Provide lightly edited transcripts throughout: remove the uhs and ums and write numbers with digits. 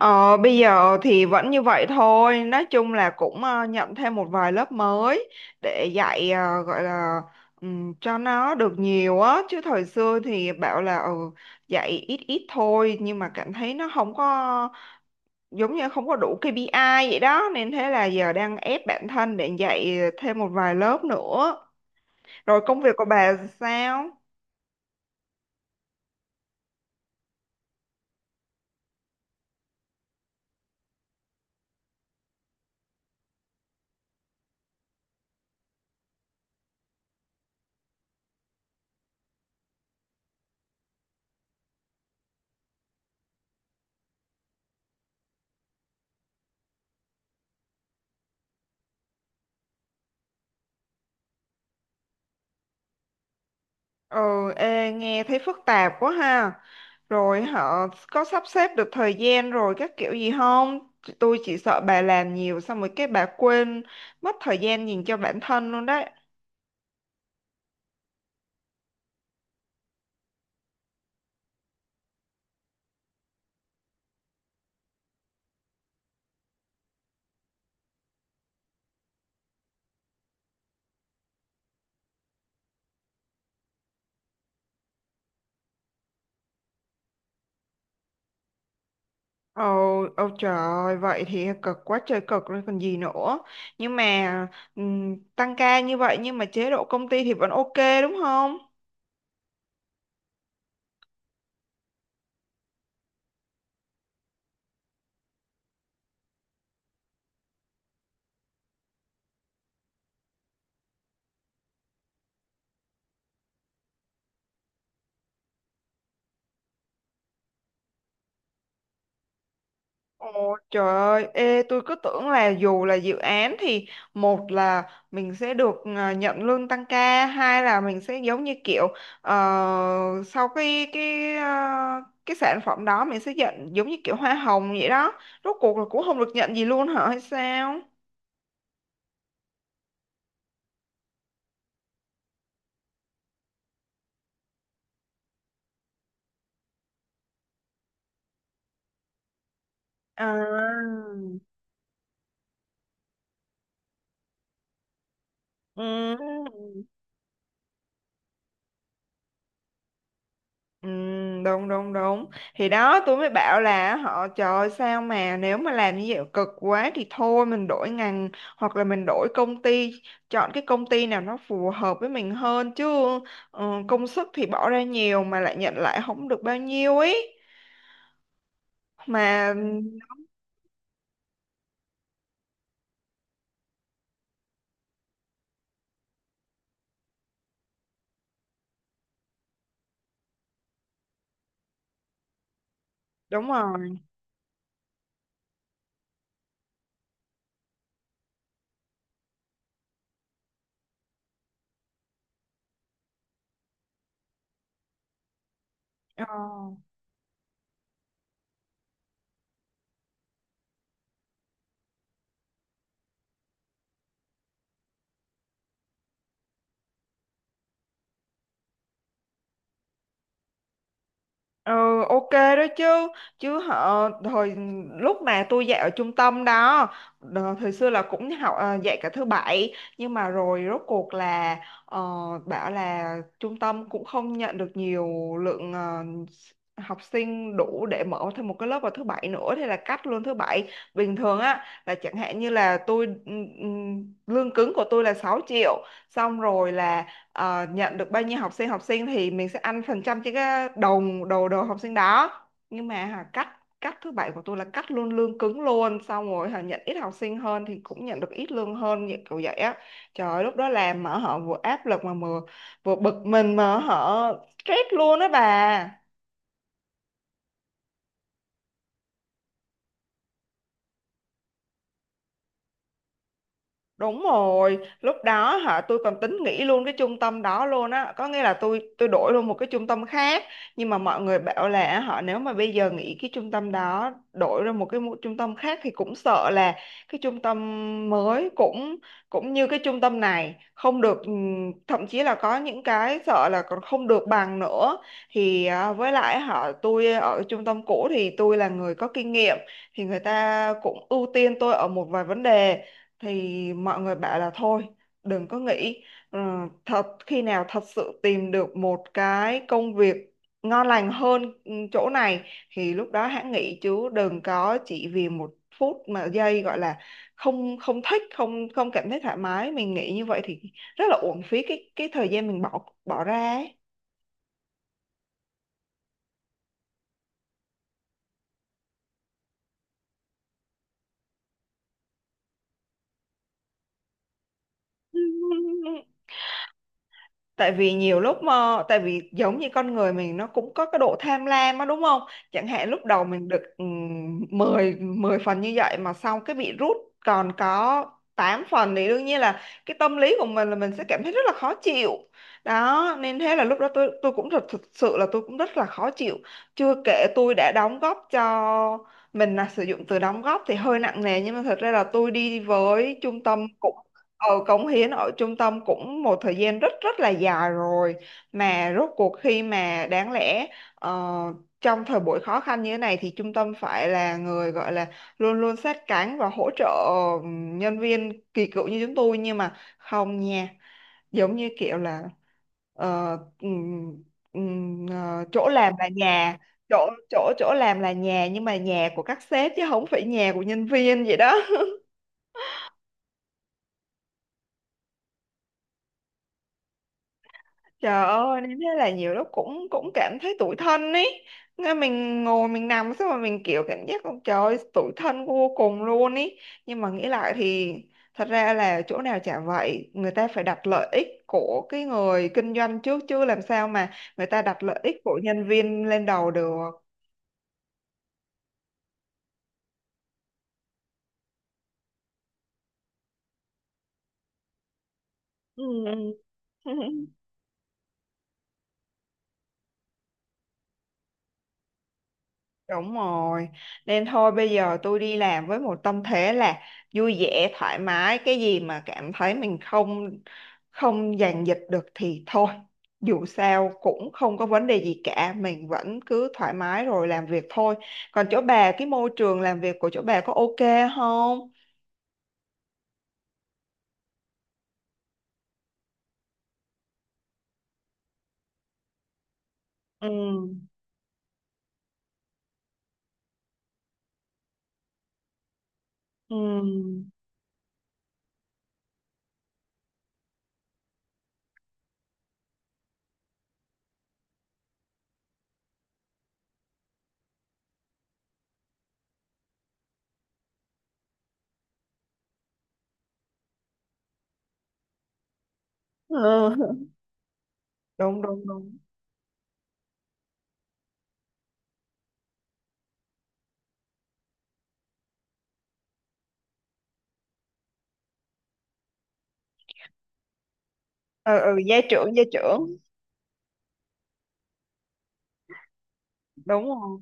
Ờ, Bây giờ thì vẫn như vậy thôi, nói chung là cũng nhận thêm một vài lớp mới để dạy gọi là cho nó được nhiều á, chứ thời xưa thì bảo là dạy ít ít thôi nhưng mà cảm thấy nó không có giống như không có đủ KPI vậy đó nên thế là giờ đang ép bản thân để dạy thêm một vài lớp nữa. Rồi công việc của bà sao? Ừ, ê, nghe thấy phức tạp quá ha. Rồi họ có sắp xếp được thời gian rồi các kiểu gì không? Tôi chỉ sợ bà làm nhiều xong rồi cái bà quên mất thời gian nhìn cho bản thân luôn đấy. Ồ, ôi trời ơi, vậy thì cực quá trời cực rồi còn gì nữa. Nhưng mà tăng ca như vậy nhưng mà chế độ công ty thì vẫn ok đúng không? Ồ, trời ơi, ê, tôi cứ tưởng là dù là dự án thì một là mình sẽ được nhận lương tăng ca, hai là mình sẽ giống như kiểu ờ, sau cái sản phẩm đó mình sẽ nhận giống như kiểu hoa hồng vậy đó. Rốt cuộc là cũng không được nhận gì luôn hả hay sao? À. Ừ. Ừ, đúng đúng đúng, thì đó tôi mới bảo là họ trời ơi, sao mà nếu mà làm như vậy cực quá thì thôi mình đổi ngành hoặc là mình đổi công ty, chọn cái công ty nào nó phù hợp với mình hơn chứ công sức thì bỏ ra nhiều mà lại nhận lại không được bao nhiêu ấy mà, đúng rồi. Ờ. Ừ, ok đó chứ chứ họ hồi lúc mà tôi dạy ở trung tâm đó, thời xưa là cũng dạy cả thứ bảy nhưng mà rồi rốt cuộc là ờ, bảo là trung tâm cũng không nhận được nhiều lượng học sinh đủ để mở thêm một cái lớp vào thứ bảy nữa, thế là cắt luôn thứ bảy. Bình thường á là chẳng hạn như là tôi ừ, lương cứng của tôi là 6 triệu, xong rồi là nhận được bao nhiêu học sinh thì mình sẽ ăn phần trăm trên cái đầu, đầu học sinh đó, nhưng mà cắt cắt thứ bảy của tôi là cắt luôn lương cứng luôn, xong rồi nhận ít học sinh hơn thì cũng nhận được ít lương hơn như kiểu vậy á. Trời ơi, lúc đó làm mà họ vừa áp lực mà vừa vừa bực mình mà họ stress luôn á bà. Đúng rồi, lúc đó tôi còn tính nghỉ luôn cái trung tâm đó luôn á, có nghĩa là tôi đổi luôn một cái trung tâm khác, nhưng mà mọi người bảo là họ nếu mà bây giờ nghỉ cái trung tâm đó, đổi ra một cái trung tâm khác thì cũng sợ là cái trung tâm mới cũng cũng như cái trung tâm này không được, thậm chí là có những cái sợ là còn không được bằng nữa. Thì với lại họ tôi ở trung tâm cũ thì tôi là người có kinh nghiệm thì người ta cũng ưu tiên tôi ở một vài vấn đề, thì mọi người bảo là thôi đừng có nghĩ. Ờ, Thật khi nào thật sự tìm được một cái công việc ngon lành hơn chỗ này thì lúc đó hãng nghỉ, chứ đừng có chỉ vì một phút mà giây gọi là không không thích, không không cảm thấy thoải mái mình nghĩ như vậy thì rất là uổng phí cái thời gian mình bỏ bỏ ra ấy. Tại vì nhiều lúc, mà tại vì giống như con người mình nó cũng có cái độ tham lam á đúng không, chẳng hạn lúc đầu mình được 10 10 phần như vậy mà sau cái bị rút còn có 8 phần thì đương nhiên là cái tâm lý của mình là mình sẽ cảm thấy rất là khó chịu, đó nên thế là lúc đó tôi cũng thực sự là tôi cũng rất là khó chịu, chưa kể tôi đã đóng góp cho, mình là sử dụng từ đóng góp thì hơi nặng nề nhưng mà thật ra là tôi đi với trung tâm cũng. Ờ, cống hiến ở trung tâm cũng một thời gian rất rất là dài rồi, mà rốt cuộc khi mà đáng lẽ ờ, trong thời buổi khó khăn như thế này thì trung tâm phải là người gọi là luôn luôn sát cánh và hỗ trợ nhân viên kỳ cựu như chúng tôi, nhưng mà không nha, giống như kiểu là ờ, ừm, chỗ làm là nhà, chỗ chỗ chỗ làm là nhà nhưng mà nhà của các sếp chứ không phải nhà của nhân viên vậy đó. Trời ơi, nên thế là nhiều lúc cũng cũng cảm thấy tủi thân ấy. Nghe mình ngồi mình nằm xong mà mình kiểu cảm giác con trời ơi, tủi thân vô cùng luôn ấy. Nhưng mà nghĩ lại thì thật ra là chỗ nào chả vậy, người ta phải đặt lợi ích của cái người kinh doanh trước chứ làm sao mà người ta đặt lợi ích của nhân viên lên đầu được. Ừ. Đúng rồi. Nên thôi bây giờ tôi đi làm với một tâm thế là vui vẻ, thoải mái, cái gì mà cảm thấy mình không không dàn dịch được thì thôi. Dù sao cũng không có vấn đề gì cả, mình vẫn cứ thoải mái rồi làm việc thôi. Còn chỗ bà, cái môi trường làm việc của chỗ bà có ok không? Ừ. Ừ. Ờ. Đúng đúng đúng. Ừ, ừ, gia trưởng, gia trưởng. Đúng rồi.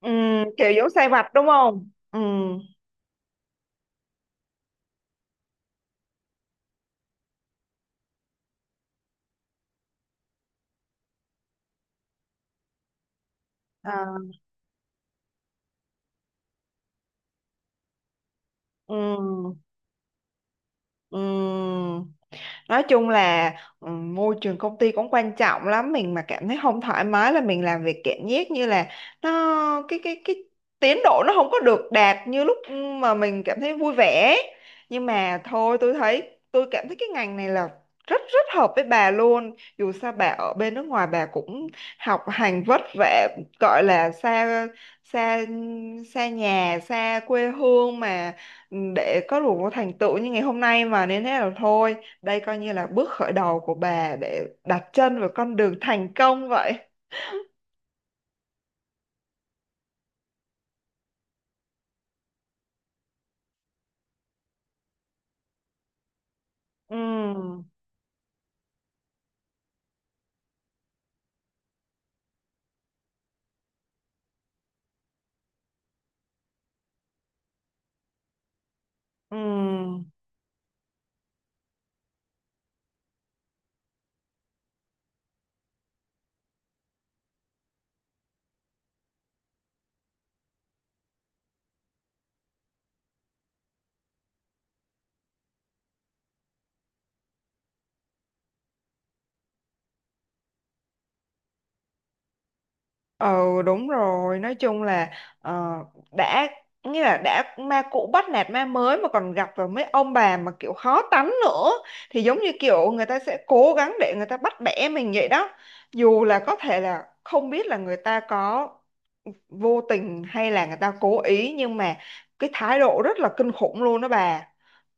Ừ, kiểu giống sai vặt đúng không? Ừ. Ờ. Ừ. Ừ, nói chung là môi trường công ty cũng quan trọng lắm, mình mà cảm thấy không thoải mái là mình làm việc cảm giác như là nó, cái tiến độ nó không có được đạt như lúc mà mình cảm thấy vui vẻ, nhưng mà thôi tôi thấy, tôi cảm thấy cái ngành này là rất rất hợp với bà luôn, dù sao bà ở bên nước ngoài bà cũng học hành vất vả, gọi là xa xa xa nhà xa quê hương mà, để có đủ thành tựu như ngày hôm nay mà, nên thế là thôi đây coi như là bước khởi đầu của bà để đặt chân vào con đường thành công vậy. Ừ, ừ, ừ, đúng rồi. Nói chung là ờ, đã nghĩa là đã ma cũ bắt nạt ma mới mà còn gặp vào mấy ông bà mà kiểu khó tánh nữa thì giống như kiểu người ta sẽ cố gắng để người ta bắt bẻ mình vậy đó. Dù là có thể là không biết là người ta có vô tình hay là người ta cố ý nhưng mà cái thái độ rất là kinh khủng luôn đó bà.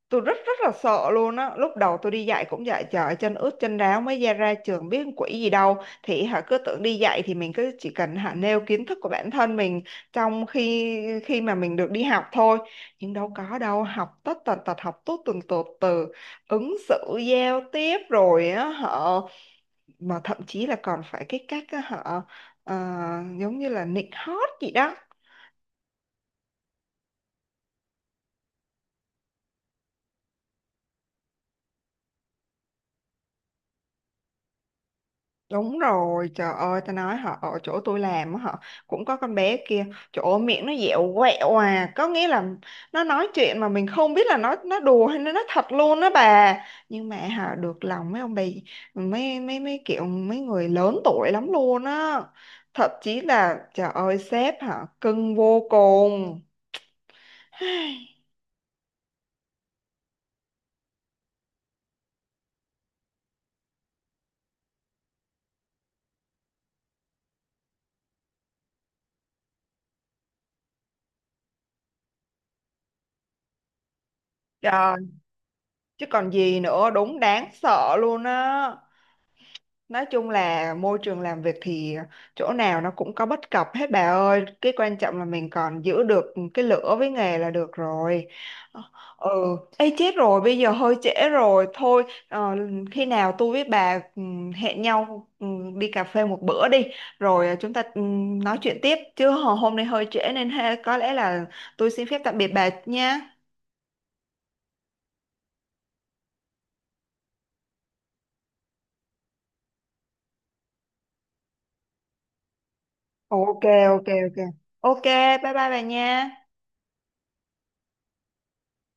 Tôi rất rất là sợ luôn á, lúc đầu tôi đi dạy cũng vậy, trời chân ướt chân ráo mới ra ra trường biết quỷ gì đâu, thì cứ tưởng đi dạy thì mình cứ chỉ cần nêu kiến thức của bản thân mình, trong khi khi mà mình được đi học thôi, nhưng đâu có đâu, học tất tần tật, học tốt từng tột từ ứng xử giao tiếp rồi á họ, mà thậm chí là còn phải cái cách á, họ ờ, giống như là nịnh hót gì đó. Đúng rồi, trời ơi, ta nói họ ở chỗ tôi làm á, họ cũng có con bé kia, chỗ miệng nó dẻo quẹo à, có nghĩa là nó nói chuyện mà mình không biết là nó đùa hay nó nói thật luôn đó bà. Nhưng mà họ được lòng mấy ông bà, mấy mấy mấy kiểu mấy người lớn tuổi lắm luôn á. Thậm chí là trời ơi sếp hả, cưng vô cùng. Trời, chứ còn gì nữa, đúng đáng sợ luôn á. Nói chung là môi trường làm việc thì chỗ nào nó cũng có bất cập hết bà ơi. Cái quan trọng là mình còn giữ được cái lửa với nghề là được rồi. Ừ, ê chết rồi, bây giờ hơi trễ rồi. Thôi, khi nào tôi với bà hẹn nhau đi cà phê một bữa đi. Rồi chúng ta nói chuyện tiếp. Chứ hôm nay hơi trễ nên ha, có lẽ là tôi xin phép tạm biệt bà nha. Ok, ok, ok. Ok, bye bye bà nha.